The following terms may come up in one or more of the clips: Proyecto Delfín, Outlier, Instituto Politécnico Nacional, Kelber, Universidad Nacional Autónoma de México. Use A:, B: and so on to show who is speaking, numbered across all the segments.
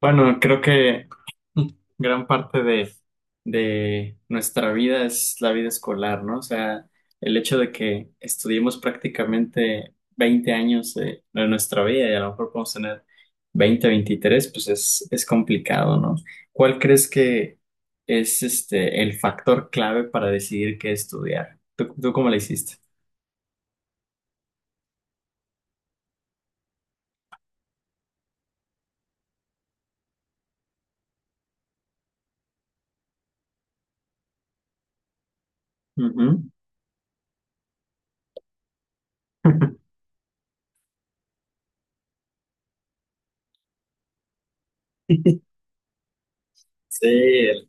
A: Bueno, creo que gran parte de nuestra vida es la vida escolar, ¿no? O sea, el hecho de que estudiemos prácticamente 20 años de nuestra vida y a lo mejor podemos tener 20, 23, pues es complicado, ¿no? ¿Cuál crees que es el factor clave para decidir qué estudiar? ¿Tú cómo le hiciste? Ujú. Sí,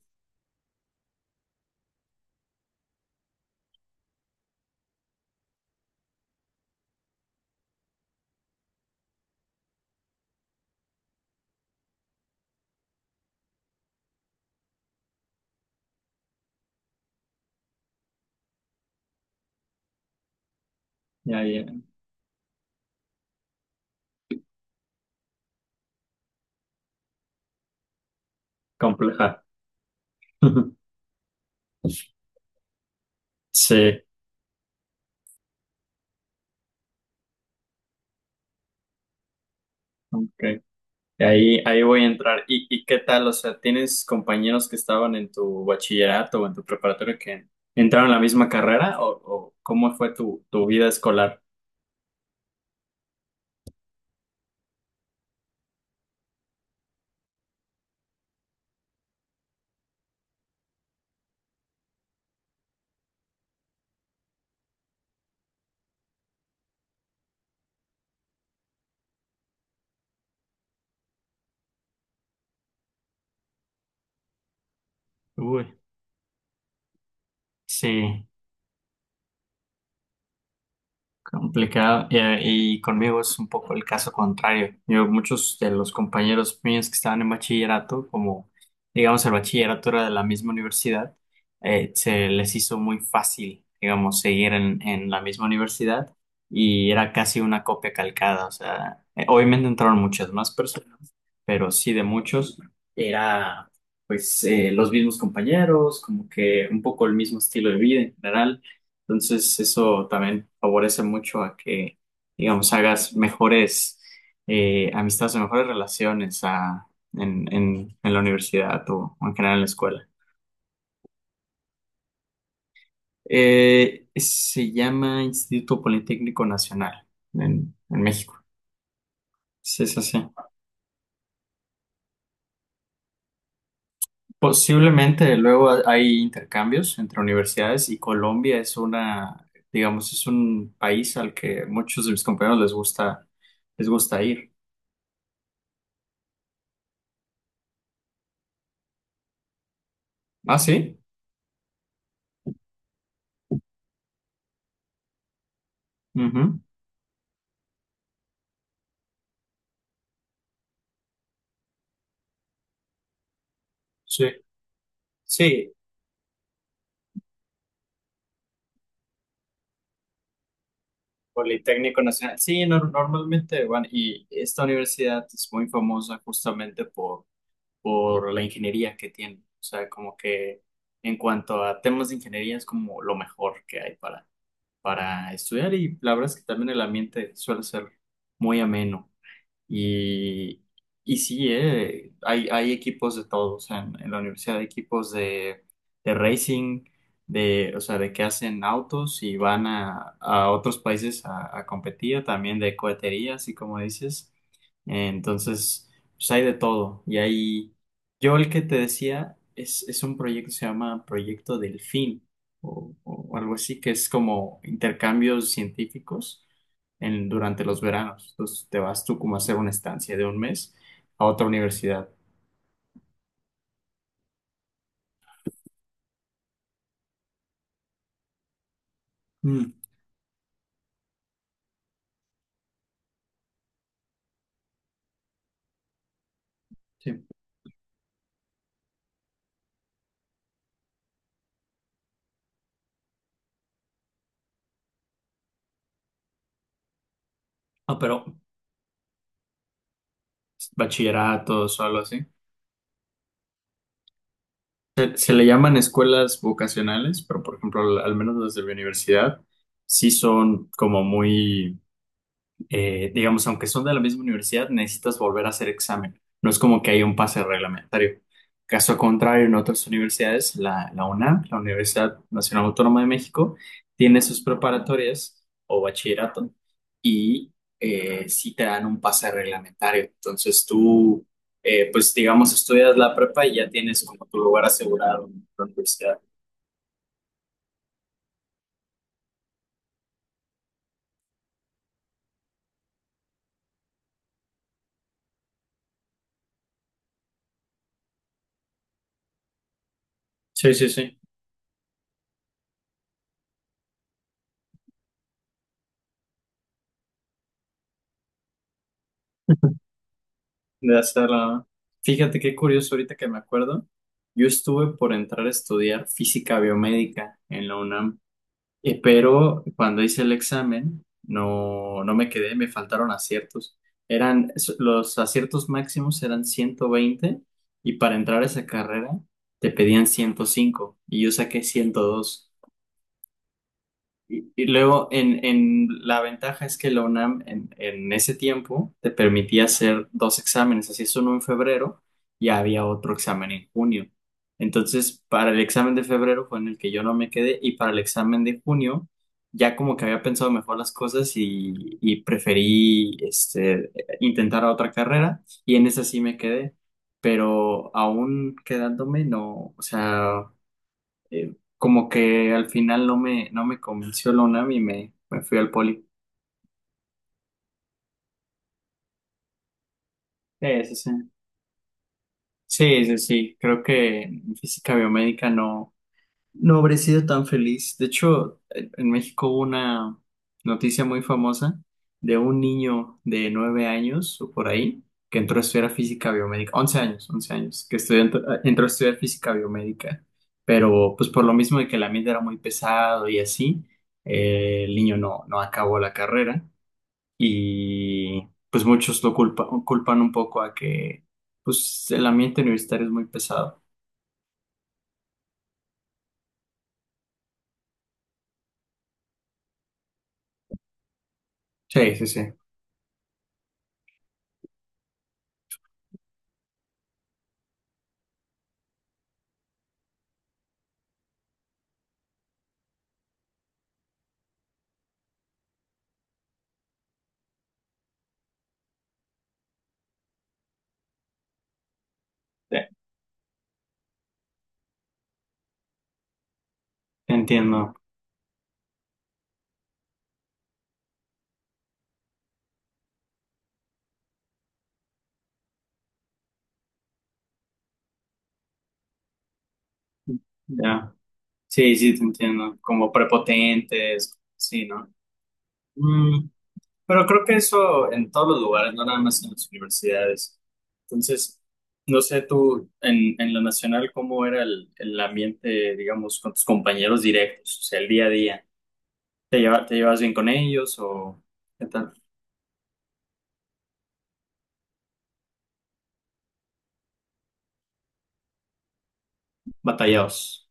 A: ya, ya, compleja. Sí, ok. Ahí voy a entrar. ¿Y qué tal? O sea, ¿tienes compañeros que estaban en tu bachillerato o en tu preparatoria que entraron a la misma carrera? ¿O cómo fue tu vida escolar? Uy, sí. Complicado. Y conmigo es un poco el caso contrario. Yo, muchos de los compañeros míos que estaban en bachillerato, como digamos el bachillerato era de la misma universidad, se les hizo muy fácil, digamos, seguir en la misma universidad y era casi una copia calcada. O sea, obviamente entraron muchas más personas, pero sí de muchos era pues los mismos compañeros, como que un poco el mismo estilo de vida en general. Entonces, eso también favorece mucho a que, digamos, hagas mejores amistades o mejores relaciones en la universidad o, en general en la escuela. Se llama Instituto Politécnico Nacional en México. Sí, sí, sí. Posiblemente luego hay intercambios entre universidades y Colombia es una, digamos, es un país al que muchos de mis compañeros les gusta ir. Ah, sí. Ujú. Sí. Sí, Politécnico Nacional. Sí, normalmente van, y esta universidad es muy famosa justamente por la ingeniería que tiene. O sea, como que en cuanto a temas de ingeniería es como lo mejor que hay para estudiar y la verdad es que también el ambiente suele ser muy ameno. Y, y sí, hay equipos de todos en la universidad, hay equipos de racing, de, o sea, de que hacen autos y van a otros países a competir, también de cohetería, así como dices. Entonces, pues hay de todo. Y ahí, yo el que te decía es un proyecto que se llama Proyecto Delfín o algo así, que es como intercambios científicos durante los veranos. Entonces te vas tú como a hacer una estancia de un mes a otra universidad. Mm, sí. Ah, pero bachillerato o algo así. Se le llaman escuelas vocacionales, pero por ejemplo, al menos las de mi universidad, sí son como muy digamos, aunque son de la misma universidad, necesitas volver a hacer examen. No es como que haya un pase reglamentario. Caso contrario, en otras universidades, la UNAM, la Universidad Nacional Autónoma de México, tiene sus preparatorias o bachillerato y sí te dan un pase reglamentario. Entonces tú, pues digamos, estudias la prepa y ya tienes como tu lugar asegurado en la universidad. Sí, sí, sí. De hacerla. Fíjate qué curioso ahorita que me acuerdo. Yo estuve por entrar a estudiar física biomédica en la UNAM, pero cuando hice el examen no, no me quedé, me faltaron aciertos. Eran, los aciertos máximos eran 120 y para entrar a esa carrera te pedían 105 y yo saqué 102 y luego, en la ventaja es que la UNAM en ese tiempo te permitía hacer dos exámenes, así es uno en febrero y había otro examen en junio. Entonces, para el examen de febrero fue en el que yo no me quedé y para el examen de junio ya como que había pensado mejor las cosas y preferí este, intentar otra carrera y en esa sí me quedé, pero aún quedándome no, o sea como que al final no me convenció la UNAM y me fui al poli. Sí, sí, sí. Sí, sí, sí. Creo que en física biomédica no, no habré sido tan feliz. De hecho, en México hubo una noticia muy famosa de un niño de 9 años o por ahí que entró a estudiar física biomédica, 11 años, 11 años, que estudió, entró a estudiar física biomédica, pero pues por lo mismo de que el ambiente era muy pesado y así, el niño no, no acabó la carrera y pues muchos lo culpan un poco a que pues el ambiente universitario es muy pesado. Sí, sí, sí, te te entiendo, ya. Sí, sí, te entiendo, como prepotentes, sí, ¿no? Mm, pero creo que eso en todos los lugares, no nada más en las universidades. Entonces, no sé tú, en la nacional, ¿cómo era el ambiente, digamos, con tus compañeros directos, o sea, el día a día? ¿Te llevas bien con ellos o qué tal? Batallados.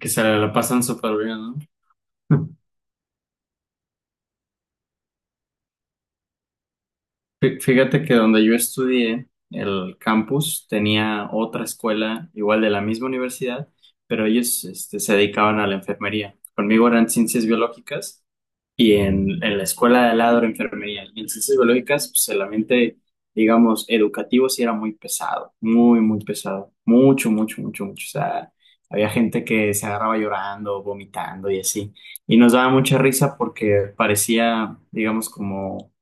A: Que se la pasan súper bien, ¿no? Fíjate que donde yo estudié, el campus tenía otra escuela, igual de la misma universidad, pero ellos se dedicaban a la enfermería. Conmigo eran ciencias biológicas. Y en la escuela de al lado era enfermería. Y en ciencias biológicas, pues, solamente, digamos, educativo sí era muy pesado, muy, muy pesado. Mucho, mucho, mucho, mucho. O sea, había gente que se agarraba llorando, vomitando y así. Y nos daba mucha risa porque parecía, digamos, como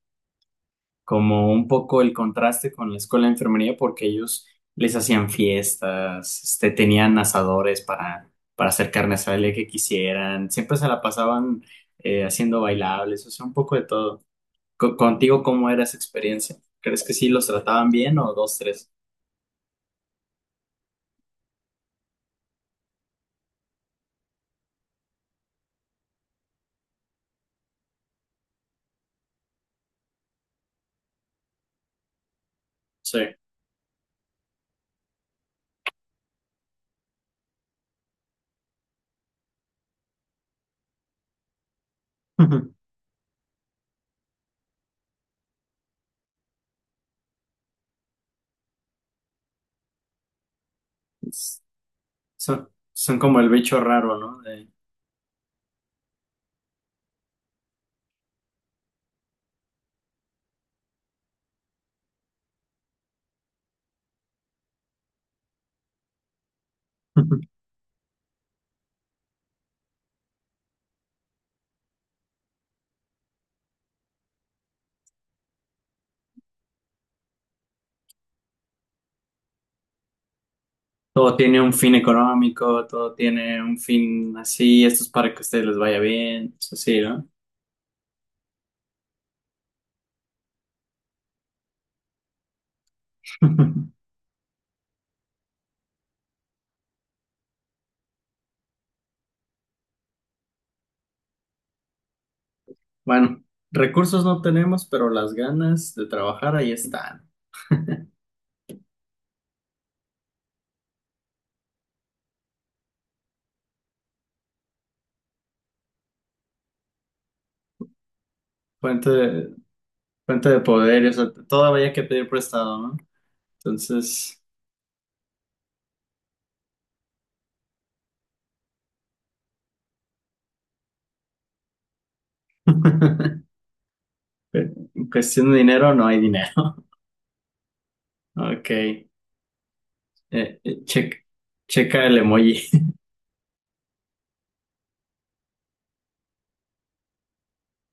A: como un poco el contraste con la escuela de enfermería porque ellos les hacían fiestas, este, tenían asadores para hacer carne asada el día que quisieran, siempre se la pasaban haciendo bailables, o sea, un poco de todo. Contigo, ¿cómo era esa experiencia? ¿Crees que sí los trataban bien o dos, tres? Sí. Es- son como el bicho raro, ¿no? De- todo tiene un fin económico, todo tiene un fin así, esto es para que a ustedes les vaya bien, eso sí, ¿no? Bueno, recursos no tenemos, pero las ganas de trabajar ahí están. Fuente de, fuente de poder, y, o sea, todo había que pedir prestado, ¿no? Entonces, en cuestión de dinero, no hay dinero. Ok, eh, check- checa el emoji.